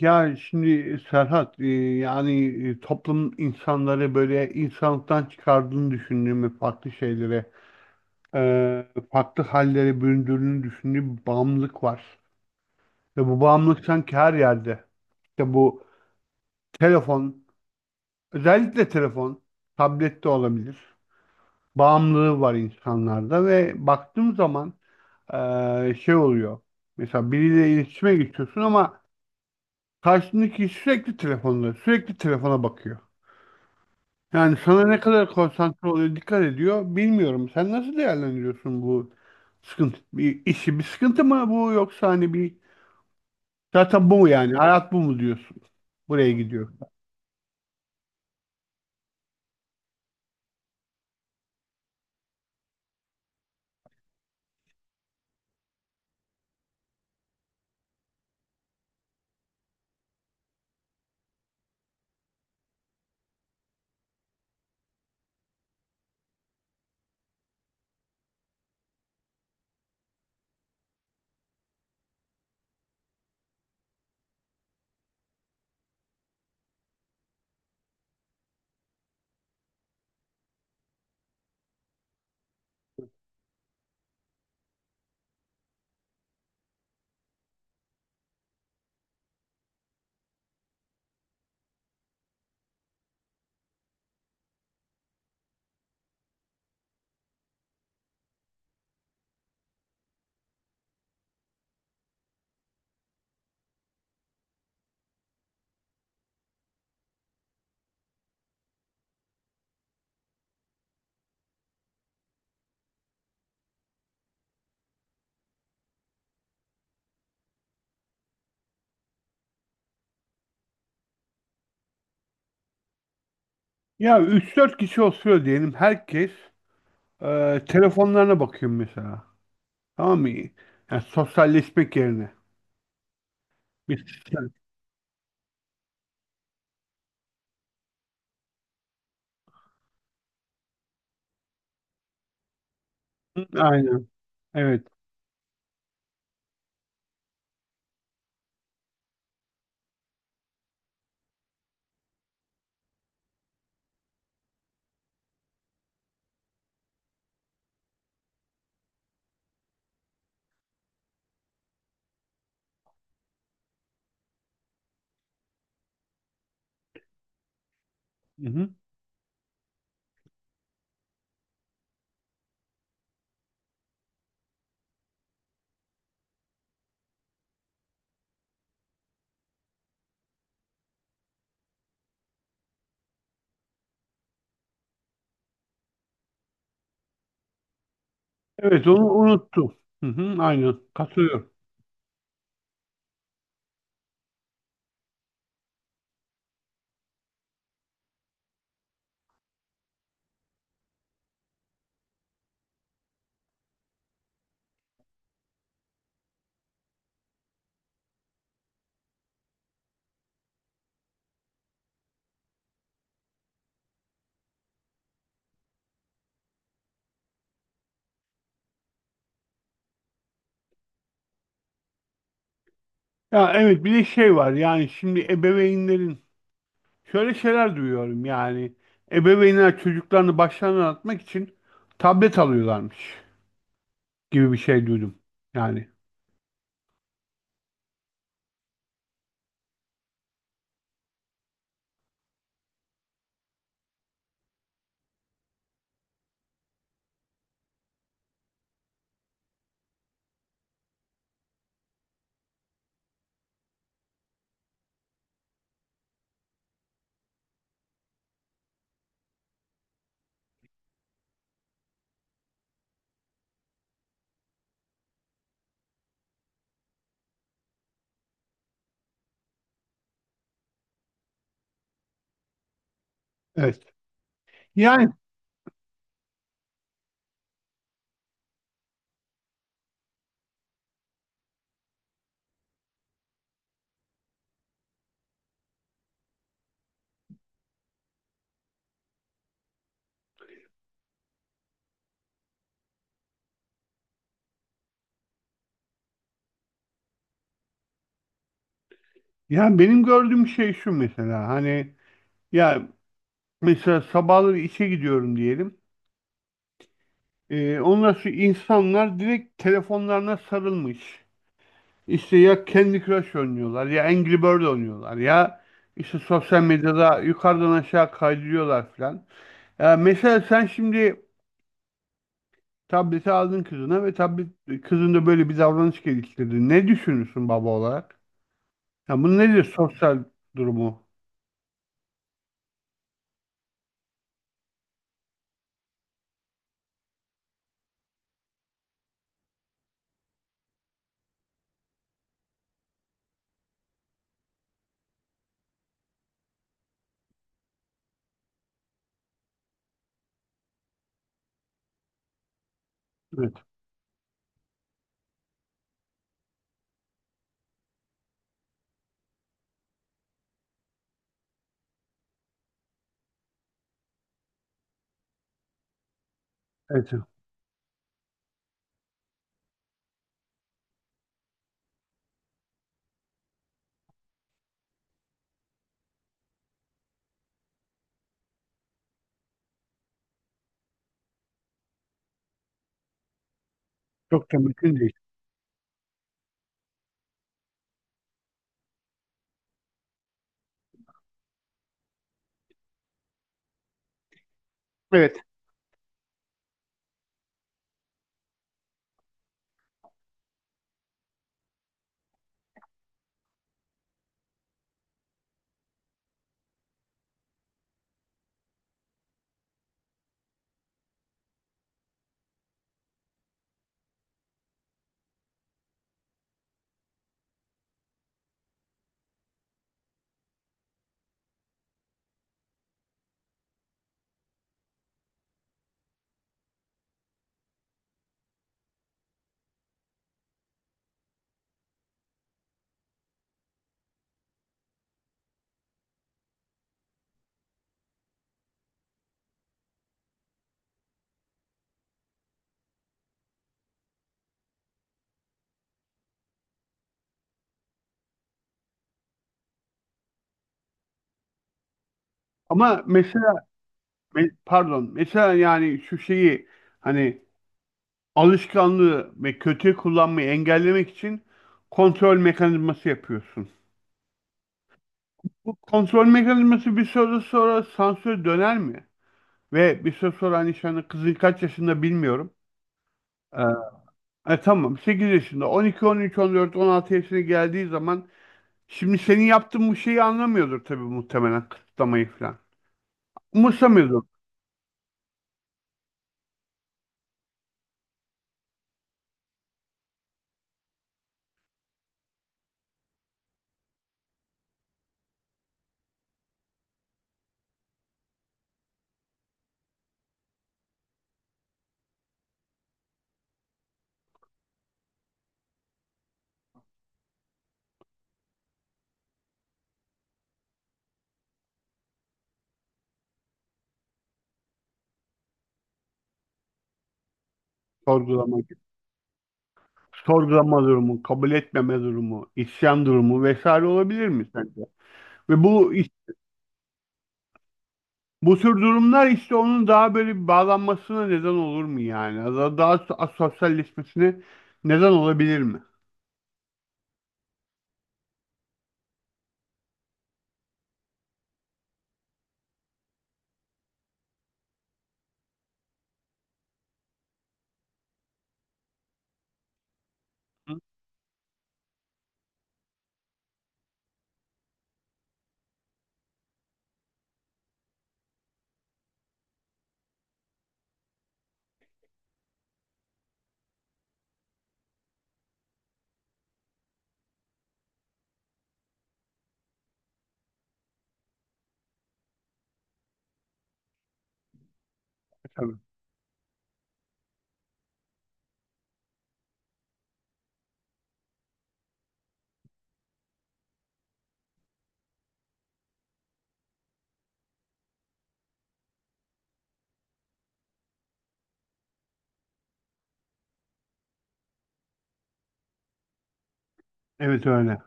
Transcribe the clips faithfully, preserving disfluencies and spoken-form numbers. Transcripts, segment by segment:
Ya şimdi e, Serhat, e, yani, e, toplum insanları böyle insanlıktan çıkardığını düşündüğümü farklı şeylere, e, farklı hallere büründüğünü düşündüğüm bir bağımlılık var. Ve bu bağımlılık sanki her yerde. İşte bu telefon, özellikle telefon, tablet de olabilir. Bağımlılığı var insanlarda ve baktığım zaman e, şey oluyor. Mesela biriyle iletişime geçiyorsun ama karşındaki sürekli telefonda, sürekli telefona bakıyor. Yani sana ne kadar konsantre oluyor, dikkat ediyor bilmiyorum. Sen nasıl değerlendiriyorsun bu sıkıntı, bir işi? Bir sıkıntı mı bu, yoksa hani bir, zaten bu mu yani? Hayat bu mu diyorsun? Buraya gidiyor. Ya üç dört kişi oturuyor diyelim, herkes e, telefonlarına bakıyor mesela. Tamam mı? Yani sosyalleşmek yerine. Bir. Hı, aynen. Evet. Hı-hı. Evet, onu unuttum. Hı-hı, aynen. Katılıyorum. Ya evet, bir de şey var yani, şimdi ebeveynlerin. Şöyle şeyler duyuyorum yani. Ebeveynler çocuklarını başlarına atmak için tablet alıyorlarmış gibi bir şey duydum. Yani evet. Yani yani benim gördüğüm şey şu, mesela hani, ya mesela sabahları işe gidiyorum diyelim. Ee, ondan sonra insanlar direkt telefonlarına sarılmış. İşte ya Candy Crush oynuyorlar, ya Angry Bird oynuyorlar, ya işte sosyal medyada yukarıdan aşağı kaydırıyorlar falan. Ya mesela sen şimdi tableti aldın kızına ve tablet kızın da böyle bir davranış geliştirdi. Ne düşünürsün baba olarak? Ya bunu, nedir sosyal durumu? Evet, evet. Çok da mümkün değil. Evet. Ama mesela, me- pardon, mesela yani şu şeyi, hani alışkanlığı ve kötü kullanmayı engellemek için kontrol mekanizması yapıyorsun. Bu kontrol mekanizması bir süre sonra sansür döner mi? Ve bir süre sonra, hani, şu anda kızın kaç yaşında bilmiyorum. Ee, E, tamam sekiz yaşında, on, on iki, on üç, on dört, on altı yaşına geldiği zaman şimdi senin yaptığın bu şeyi anlamıyordur tabii, muhtemelen kısıtlamayı falan. Umursamıyordur, sorgulama, sorgulama durumu, kabul etmeme durumu, isyan durumu vesaire olabilir mi sence? Ve bu iş- bu tür durumlar, işte onun daha böyle bir bağlanmasına neden olur mu yani? Daha, daha so- sosyalleşmesine neden olabilir mi? Hı. Tabii. Evet, öyle.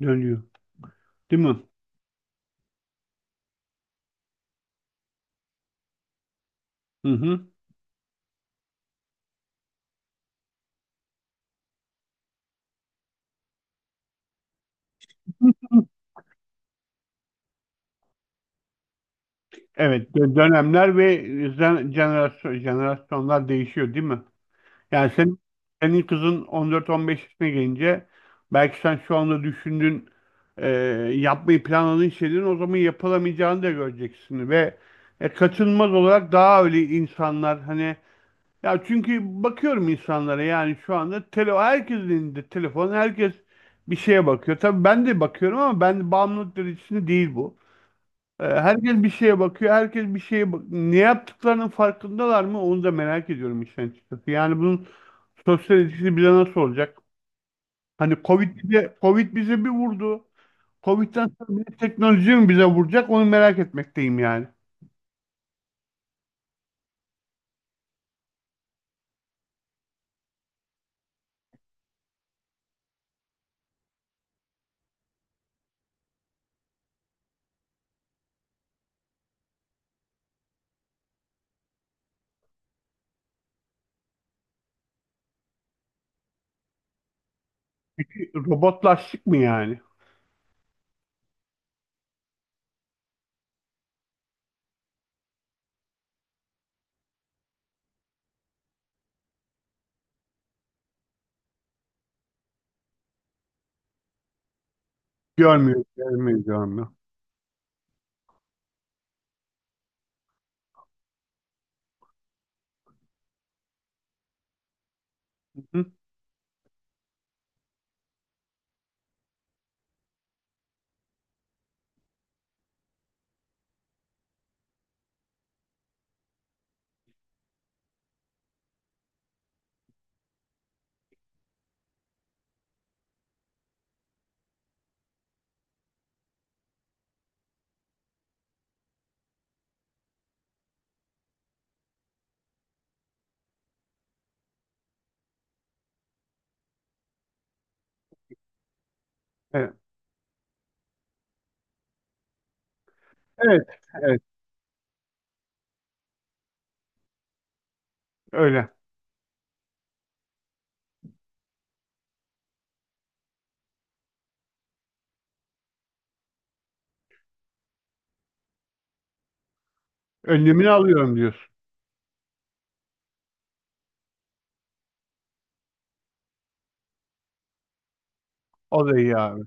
Dönüyor. Değil mi? Hı hı. Evet, dö- dönemler ve zen- jenerasyon, jenerasyonlar değişiyor değil mi? Yani, senin, senin kızın on dört on beş yaşına gelince, belki sen şu anda düşündüğün, e, yapmayı planladığın şeylerin o zaman yapılamayacağını da göreceksin ve e, kaçınılmaz olarak daha öyle insanlar, hani, ya çünkü bakıyorum insanlara, yani şu anda tele, herkesin elinde telefon, herkes bir şeye bakıyor. Tabii ben de bakıyorum ama ben de bağımlılık derecesinde değil bu. Ee, Herkes bir şeye bakıyor. Herkes bir şeye bak ne yaptıklarının farkındalar mı? Onu da merak ediyorum işin açıkçası. Yani bunun sosyal etkisi bize nasıl olacak? Hani Covid bize Covid bize bir vurdu. Covid'den sonra bir de teknoloji mi bize vuracak? Onu merak etmekteyim yani. Çünkü robotlaştık mı yani? Görmüyoruz, görmüyoruz, görmüyoruz. Hı? Evet, evet, evet, öyle. Önlemini alıyorum diyorsun. O da iyi abi.